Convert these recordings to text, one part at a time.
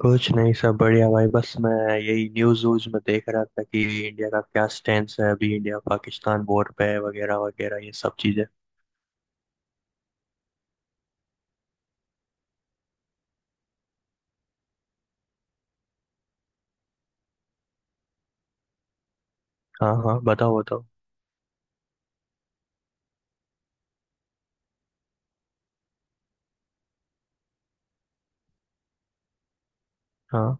कुछ नहीं, सब बढ़िया भाई। बस मैं यही न्यूज व्यूज में देख रहा था कि इंडिया का क्या स्टैंड है, अभी इंडिया पाकिस्तान बॉर्डर पे है वगैरह वगैरह ये सब चीजें। हाँ हाँ, बताओ बताओ। हाँ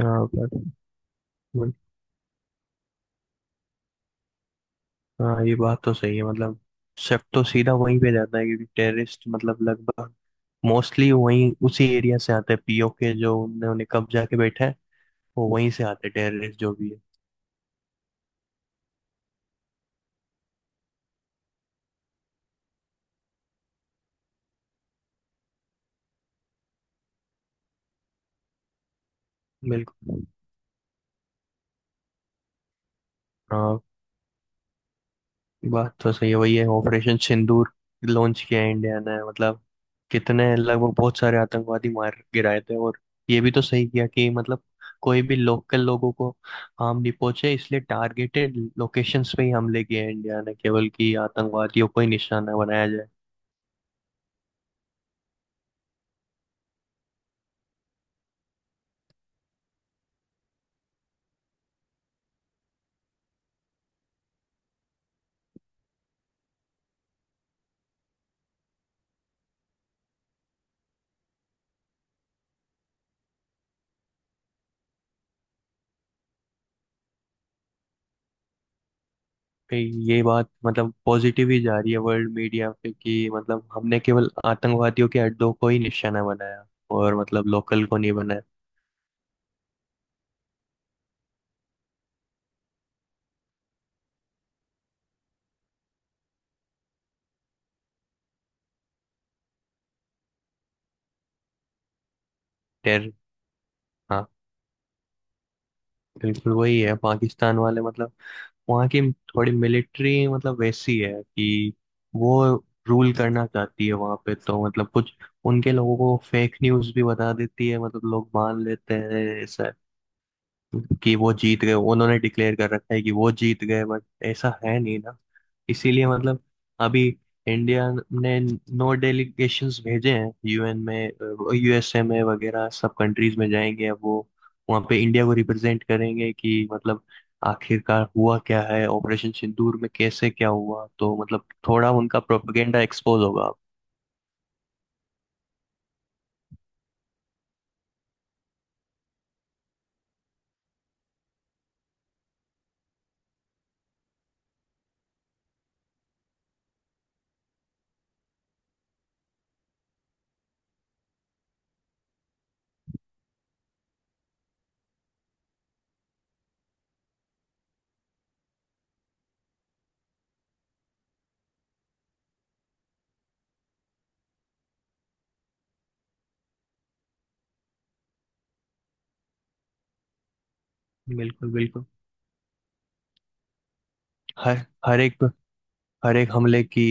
हाँ, हाँ ये बात तो सही है, मतलब सब तो सीधा वहीं पे जाता है क्योंकि टेररिस्ट मतलब लगभग मोस्टली वहीं उसी एरिया से आते हैं, पीओके जो उन्होंने उन्हें कब्जा के बैठे हैं। वो वहीं से आते हैं टेररिस्ट जो भी है। बिल्कुल। हाँ, बात तो सही है, वही है, ऑपरेशन सिंदूर लॉन्च किया है इंडिया ने। मतलब कितने लगभग बहुत सारे आतंकवादी मार गिराए थे, और ये भी तो सही किया कि मतलब कोई भी लोकल लोगों को हार्म नहीं पहुंचे, इसलिए टारगेटेड लोकेशंस पे ही हमले किए हैं इंडिया ने, केवल कि आतंकवादियों को ही निशाना बनाया जाए। पे, ये बात मतलब पॉजिटिव ही जा रही है वर्ल्ड मीडिया पे कि मतलब हमने केवल आतंकवादियों के अड्डों को ही निशाना बनाया और मतलब लोकल को नहीं बनाया। टेर, हाँ बिल्कुल वही है। पाकिस्तान वाले मतलब वहाँ की थोड़ी मिलिट्री मतलब वैसी है कि वो रूल करना चाहती है वहाँ पे, तो मतलब कुछ उनके लोगों को फेक न्यूज़ भी बता देती है, मतलब लोग मान लेते हैं ऐसा कि वो जीत गए। उन्होंने डिक्लेयर कर रखा है कि वो जीत गए, बट ऐसा है नहीं ना। इसीलिए मतलब अभी इंडिया ने नो डेलीगेशंस भेजे हैं, यूएन में, यूएसए में वगैरह सब कंट्रीज में जाएंगे। अब वो वहाँ पे इंडिया को रिप्रेजेंट करेंगे कि मतलब आखिरकार हुआ क्या है ऑपरेशन सिंदूर में, कैसे क्या हुआ। तो मतलब थोड़ा उनका प्रोपेगेंडा एक्सपोज होगा। बिल्कुल बिल्कुल। हर हर एक हमले की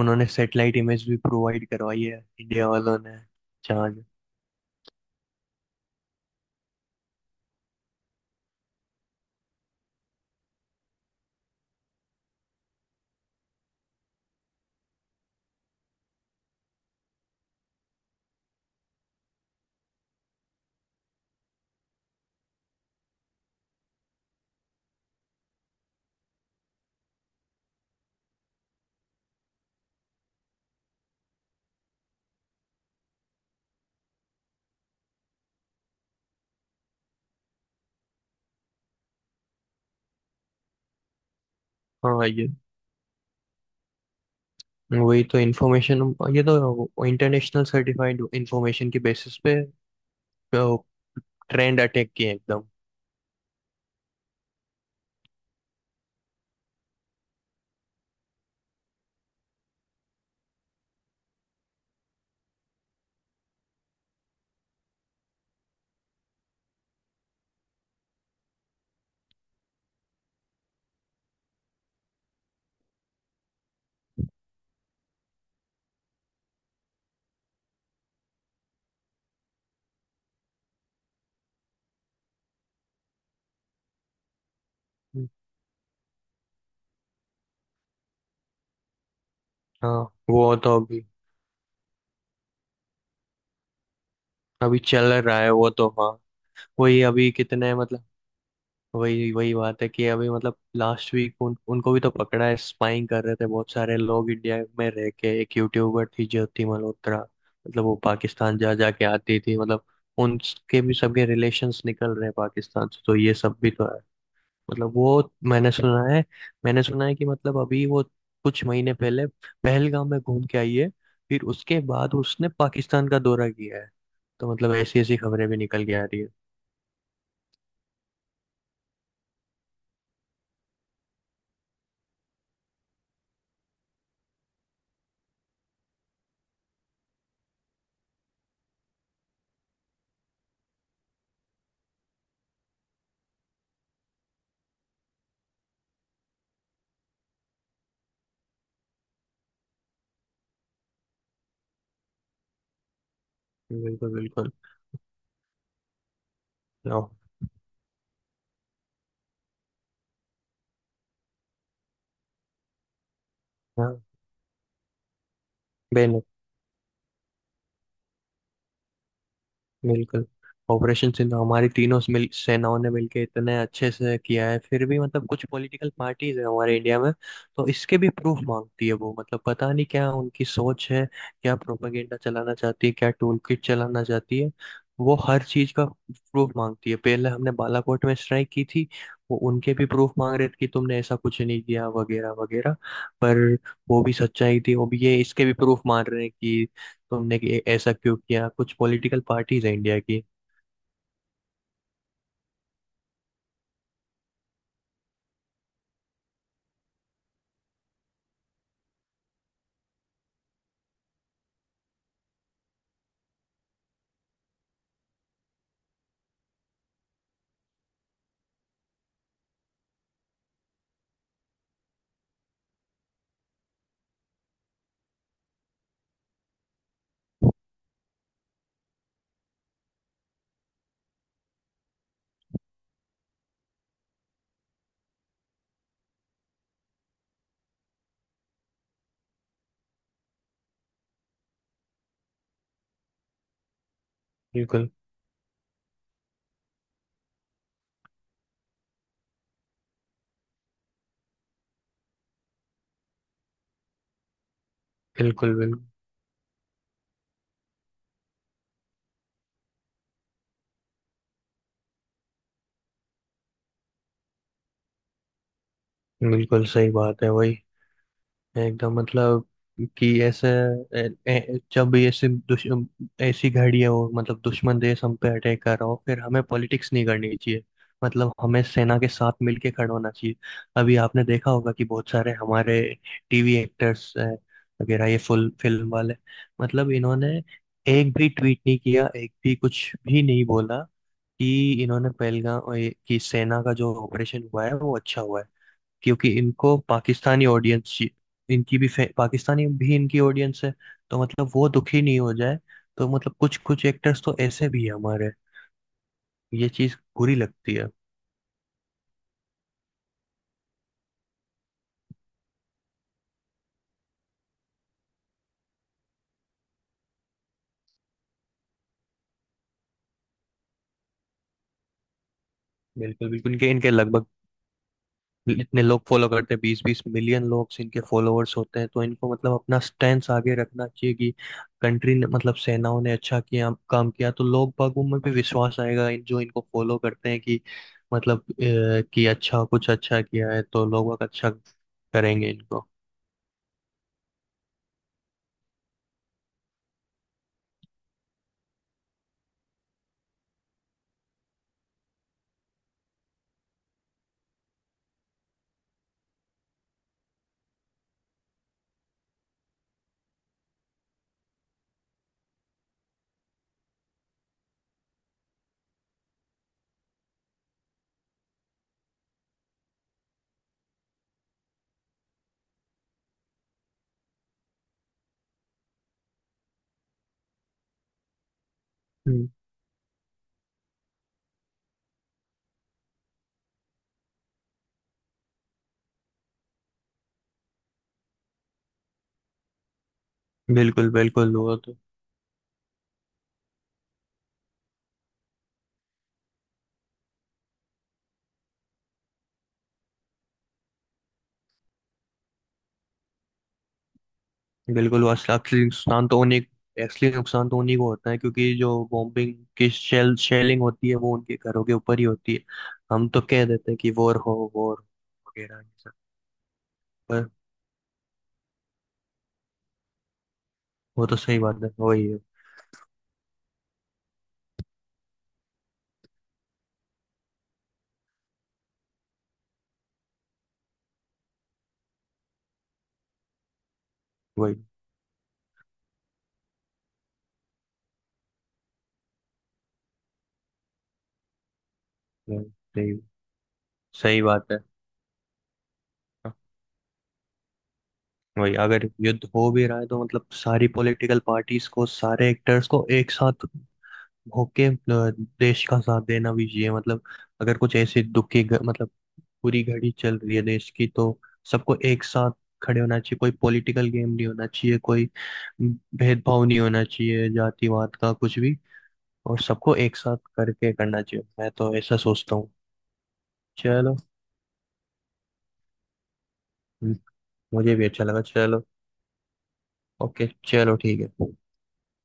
उन्होंने सैटेलाइट इमेज भी प्रोवाइड करवाई है इंडिया वालों ने। चांद, हाँ ये, वही तो इंफॉर्मेशन, ये तो इंटरनेशनल सर्टिफाइड इंफॉर्मेशन के बेसिस पे ट्रेंड अटैक किए एकदम। हाँ, वो तो अभी अभी चल रहा है वो तो। हाँ वही, अभी कितने मतलब, वही वही बात है कि अभी मतलब लास्ट वीक उनको भी तो पकड़ा है, स्पाइंग कर रहे थे बहुत सारे लोग इंडिया में रह के। एक यूट्यूबर थी ज्योति मल्होत्रा, मतलब वो पाकिस्तान जा जा के आती थी। मतलब उनके भी सबके रिलेशंस निकल रहे हैं पाकिस्तान से, तो ये सब भी तो है। मतलब वो, मैंने सुना है, मैंने सुना है कि मतलब अभी वो कुछ महीने पहले पहलगाम में घूम के आई है, फिर उसके बाद उसने पाकिस्तान का दौरा किया है। तो मतलब ऐसी ऐसी खबरें भी निकल के आ रही है। बिल्कुल बिल्कुल। हाँ, हाँ, बेन, बिल्कुल। ऑपरेशन सिंधु हमारी तीनों मिल सेनाओं ने मिलकर इतने अच्छे से किया है, फिर भी मतलब कुछ पॉलिटिकल पार्टीज है हमारे इंडिया में। तो इसके भी प्रूफ मांगती है वो, मतलब पता नहीं क्या उनकी सोच है, क्या प्रोपेगेंडा चलाना चाहती है, क्या टूल किट चलाना चाहती है। वो हर चीज का प्रूफ मांगती है। पहले हमने बालाकोट में स्ट्राइक की थी, वो उनके भी प्रूफ मांग रहे थे कि तुमने ऐसा कुछ नहीं किया वगैरह वगैरह। पर वो भी सच्चाई थी, वो भी ये इसके भी प्रूफ मांग रहे हैं कि तुमने ऐसा क्यों किया। कुछ पॉलिटिकल पार्टीज है इंडिया की। बिल्कुल बिल्कुल। बिल्कुल बिल्कुल सही बात है। वही एकदम मतलब कि ऐसे ए, ए, जब ऐसे दुश ऐसी घड़ी है, वो मतलब दुश्मन देश हम पे अटैक कर रहा हो, फिर हमें पॉलिटिक्स नहीं करनी चाहिए। मतलब हमें सेना के साथ मिलके खड़ा होना चाहिए। अभी आपने देखा होगा कि बहुत सारे हमारे टीवी एक्टर्स वगैरह, ये फुल फिल्म वाले, मतलब इन्होंने एक भी ट्वीट नहीं किया, एक भी कुछ भी नहीं बोला कि इन्होंने पहलगाम कि सेना का जो ऑपरेशन हुआ है वो अच्छा हुआ है। क्योंकि इनको पाकिस्तानी ऑडियंस, इनकी भी पाकिस्तानी भी इनकी ऑडियंस है, तो मतलब वो दुखी नहीं हो जाए। तो मतलब कुछ कुछ एक्टर्स तो ऐसे भी है हमारे, ये चीज बुरी लगती है। बिल्कुल बिल्कुल। इनके इनके लगभग इतने लोग फॉलो करते हैं, 20-20 मिलियन लोग इनके फॉलोअर्स होते हैं, तो इनको मतलब अपना स्टैंड आगे रखना चाहिए कि कंट्री ने मतलब सेनाओं ने अच्छा किया, काम किया, तो लोग बागों में भी विश्वास आएगा, इन जो इनको फॉलो करते हैं कि मतलब कि अच्छा, कुछ अच्छा किया है, तो लोग बाग अच्छा करेंगे इनको। हम्म, बिल्कुल बिल्कुल, वो तो बिल्कुल। वो असली असली नुकसान तो उन्हीं असली नुकसान तो उन्हीं को होता है, क्योंकि जो बॉम्बिंग की शेलिंग होती है वो उनके घरों के ऊपर ही होती है। हम तो कह देते हैं कि वॉर हो, वॉर वगैरह ये सब। पर वो तो सही बात है, वही है। वही वही- सही, सही बात है। हाँ, वही, अगर युद्ध हो भी रहा है तो मतलब सारी पॉलिटिकल पार्टीज को, सारे एक्टर्स को एक साथ होके देश का साथ देना भी चाहिए। मतलब अगर कुछ ऐसी दुखी मतलब पूरी घड़ी चल रही है देश की, तो सबको एक साथ खड़े होना चाहिए। कोई पॉलिटिकल गेम नहीं होना चाहिए, कोई भेदभाव नहीं होना चाहिए, जातिवाद का कुछ भी। और सबको एक साथ करके करना चाहिए, मैं तो ऐसा सोचता हूँ। चलो। हम्म, मुझे भी अच्छा लगा। चलो, ओके, चलो ठीक है।